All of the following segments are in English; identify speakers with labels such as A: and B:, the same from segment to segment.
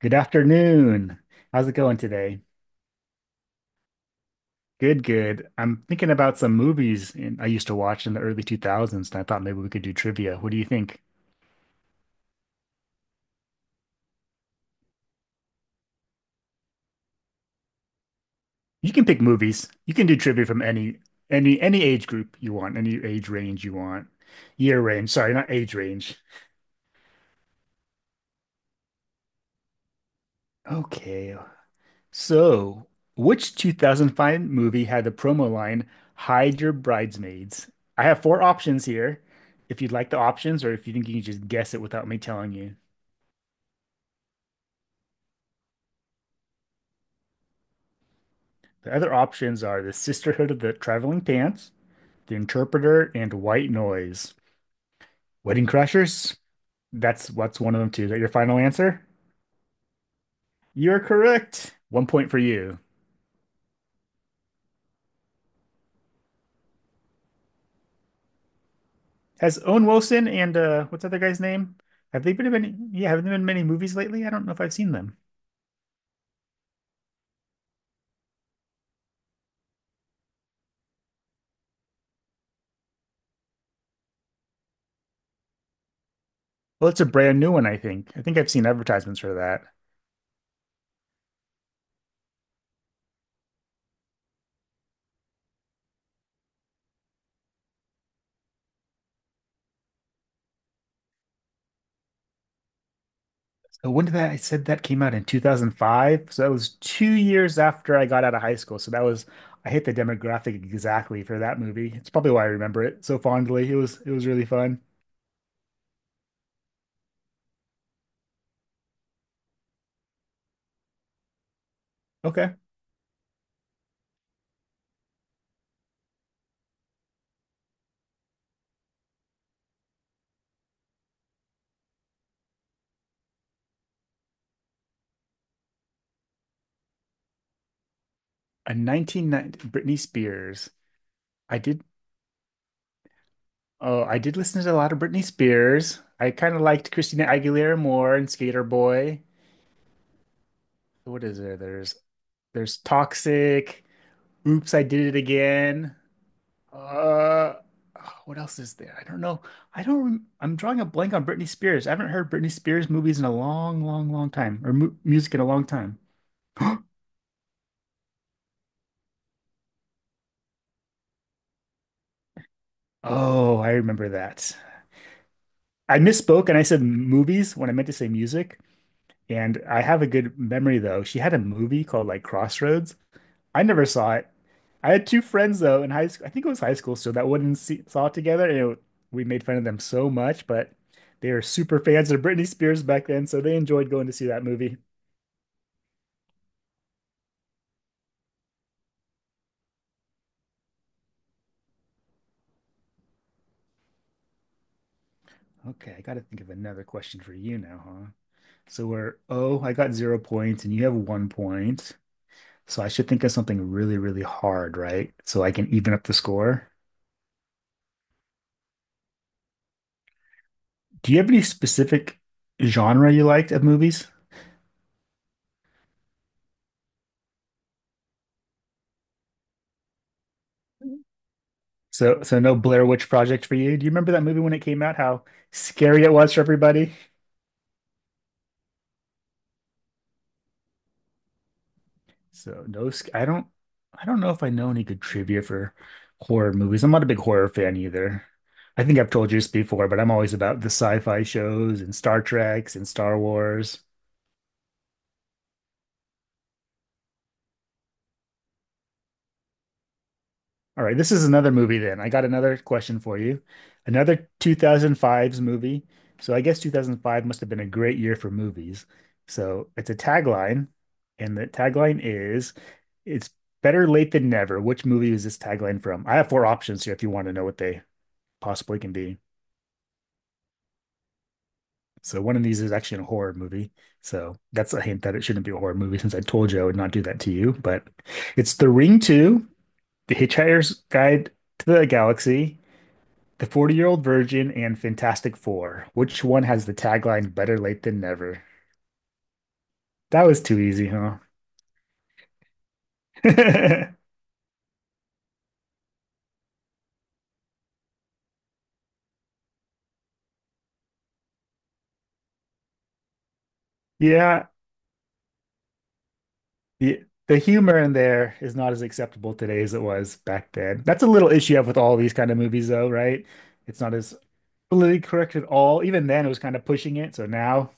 A: Good afternoon. How's it going today? Good, good. I'm thinking about some movies in, I used to watch in the early 2000s, and I thought maybe we could do trivia. What do you think? You can pick movies. You can do trivia from any any age group you want, any age range you want. Year range, sorry, not age range. Okay. So, which 2005 movie had the promo line, Hide Your Bridesmaids? I have four options here. If you'd like the options, or if you think you can just guess it without me telling you. The other options are the Sisterhood of the Traveling Pants, the Interpreter, and White Noise. Wedding Crashers? That's what's one of them too. Is that your final answer? You're correct. One point for you. Has Owen Wilson and what's the other guy's name? Have they been in any yeah, have there been many movies lately? I don't know if I've seen them. Well, it's a brand new one, I think. I think I've seen advertisements for that. When did that I said that came out in 2005? So that was two years after I got out of high school. So that was I hit the demographic exactly for that movie. It's probably why I remember it so fondly. It was really fun. Okay. A 1990 Britney Spears. I did Oh, I did listen to a lot of Britney Spears. I kind of liked Christina Aguilera more and Skater Boy. What is there? There's Toxic. Oops, I Did It Again. Uh, what else is there? I don't know. I don't. I'm drawing a blank on Britney Spears. I haven't heard Britney Spears movies in a long, long, long time, or mu music in a long time. Oh, I remember that. I misspoke and I said movies when I meant to say music. And I have a good memory though. She had a movie called like Crossroads. I never saw it. I had two friends though in high school. I think it was high school, so that wouldn't see, saw it together. And it, we made fun of them so much, but they were super fans of Britney Spears back then, so they enjoyed going to see that movie. Okay, I got to think of another question for you now, huh? So we're Oh, I got zero points, and you have one point. So I should think of something really, really hard, right? So I can even up the score. Do you have any specific genre you liked of movies? So no Blair Witch Project for you. Do you remember that movie when it came out? How scary it was for everybody. So no, sc- I don't, I don't know if I know any good trivia for horror movies. I'm not a big horror fan either. I think I've told you this before, but I'm always about the sci-fi shows and Star Treks and Star Wars. All right, this is another movie then. I got another question for you. Another 2005's movie. So I guess 2005 must have been a great year for movies. So it's a tagline, and the tagline is it's better late than never. Which movie is this tagline from? I have four options here if you want to know what they possibly can be. So one of these is actually a horror movie. So that's a hint that it shouldn't be a horror movie since I told you I would not do that to you. But it's The Ring 2, The Hitchhiker's Guide to the Galaxy, The 40 Year Old Virgin and Fantastic Four. Which one has the tagline better late than never? That was too easy, huh? Yeah, the, the humor in there is not as acceptable today as it was back then. That's a little issue I have with all these kind of movies, though, right? It's not as politically correct at all. Even then, it was kind of pushing it. So now,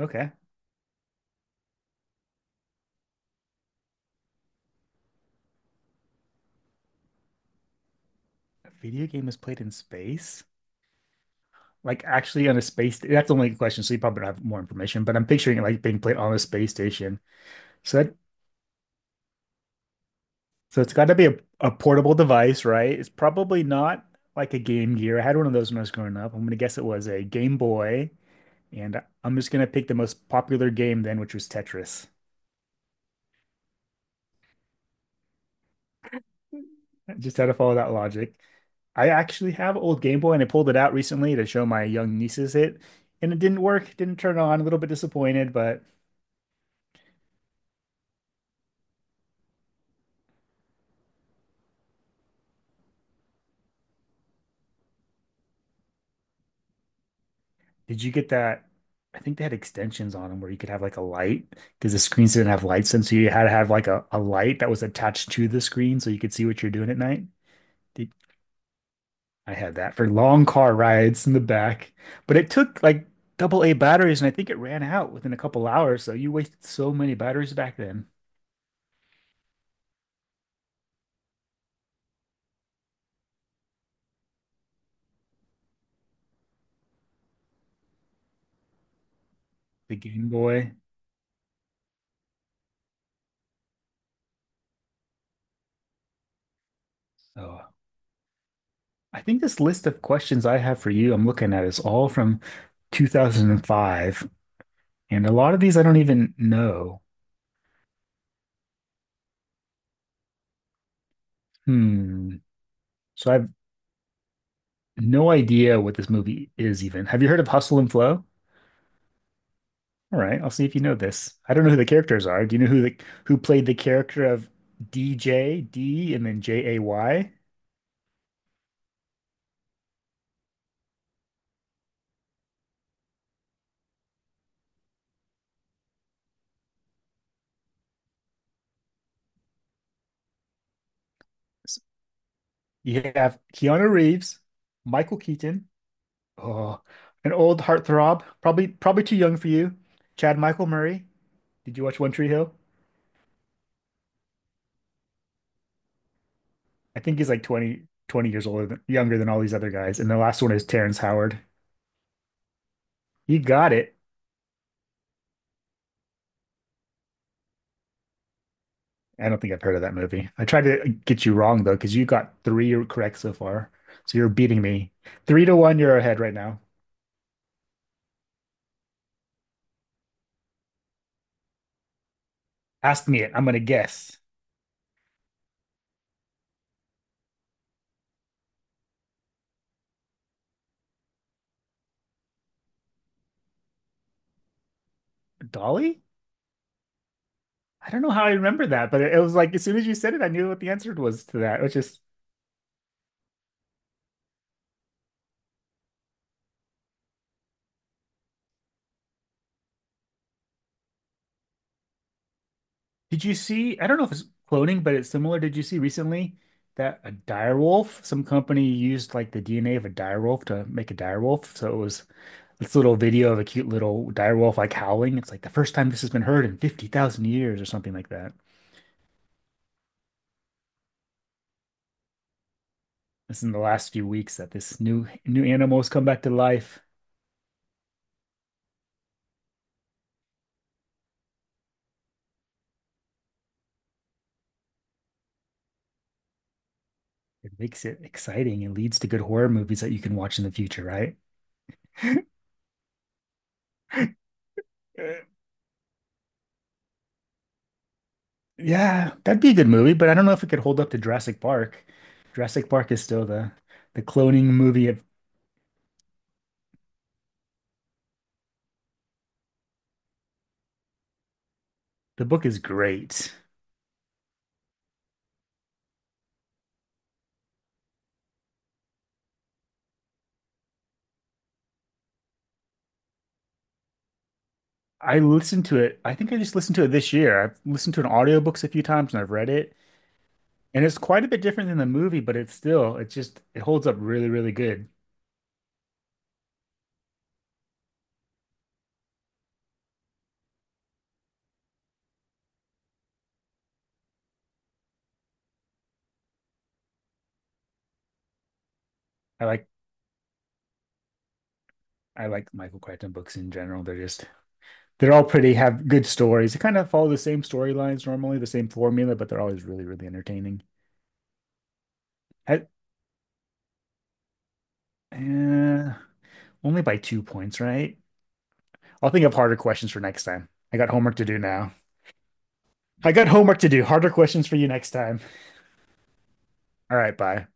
A: okay, a video game is played in space, like actually on a space. That's the only a question, so you probably don't have more information. But I'm picturing it like being played on a space station. So that So it's got to be a portable device, right? It's probably not like a Game Gear. I had one of those when I was growing up. I'm going to guess it was a Game Boy. And I'm just going to pick the most popular game then, which was Tetris. Just had to follow that logic. I actually have an old Game Boy and I pulled it out recently to show my young nieces it. And it didn't work, didn't turn on, a little bit disappointed, but did you get that? I think they had extensions on them where you could have like a light because the screens didn't have lights in, so you had to have like a light that was attached to the screen so you could see what you're doing at night. Did, I had that for long car rides in the back, but it took like double A batteries, and I think it ran out within a couple hours. So you wasted so many batteries back then. The Game Boy. So I think this list of questions I have for you, I'm looking at, is all from 2005, and a lot of these I don't even know. Hmm. So I've No idea what this movie is even. Have you heard of Hustle and Flow? All right, I'll see if you know this. I don't know who the characters are. Do you know who played the character of DJ D and then Jay? S- You have Keanu Reeves, Michael Keaton, oh, an old heartthrob, probably too young for you. Chad Michael Murray. Did you watch One Tree Hill? I think he's like twenty years older than, younger than all these other guys. And the last one is Terrence Howard. You got it. I don't think I've heard of that movie. I tried to get you wrong though, because you got three correct so far. So you're beating me. Three to one, you're ahead right now. Ask me it. I'm gonna guess. Dolly? I don't know how I remember that, but it was like as soon as you said it, I knew what the answer was to that. Which is, did you see? I don't know if it's cloning, but it's similar. Did you see recently that a direwolf? Some company used like the DNA of a direwolf to make a direwolf. So it was this little video of a cute little direwolf like howling. It's like the first time this has been heard in 50,000 years or something like that. This is in the last few weeks that this new animal has come back to life. It makes it exciting. It leads to good horror movies that you can watch in the future, right? Uh, yeah, that'd be a good movie, but I don't know if it could hold up to Jurassic Park. Jurassic Park is still the cloning movie of the book is great. I listened to it. I think I just listened to it this year. I've listened to an audiobooks a few times and I've read it. And it's quite a bit different than the movie, but it's still, it's just, it holds up really, really good. I like, I like Michael Crichton books in general. They're all pretty, have good stories. They kind of follow the same storylines normally, the same formula, but they're always really, really entertaining. I, uh, Only by two points, right? I'll think of harder questions for next time. I got homework to do now. I got homework to do. Harder questions for you next time. All right, bye.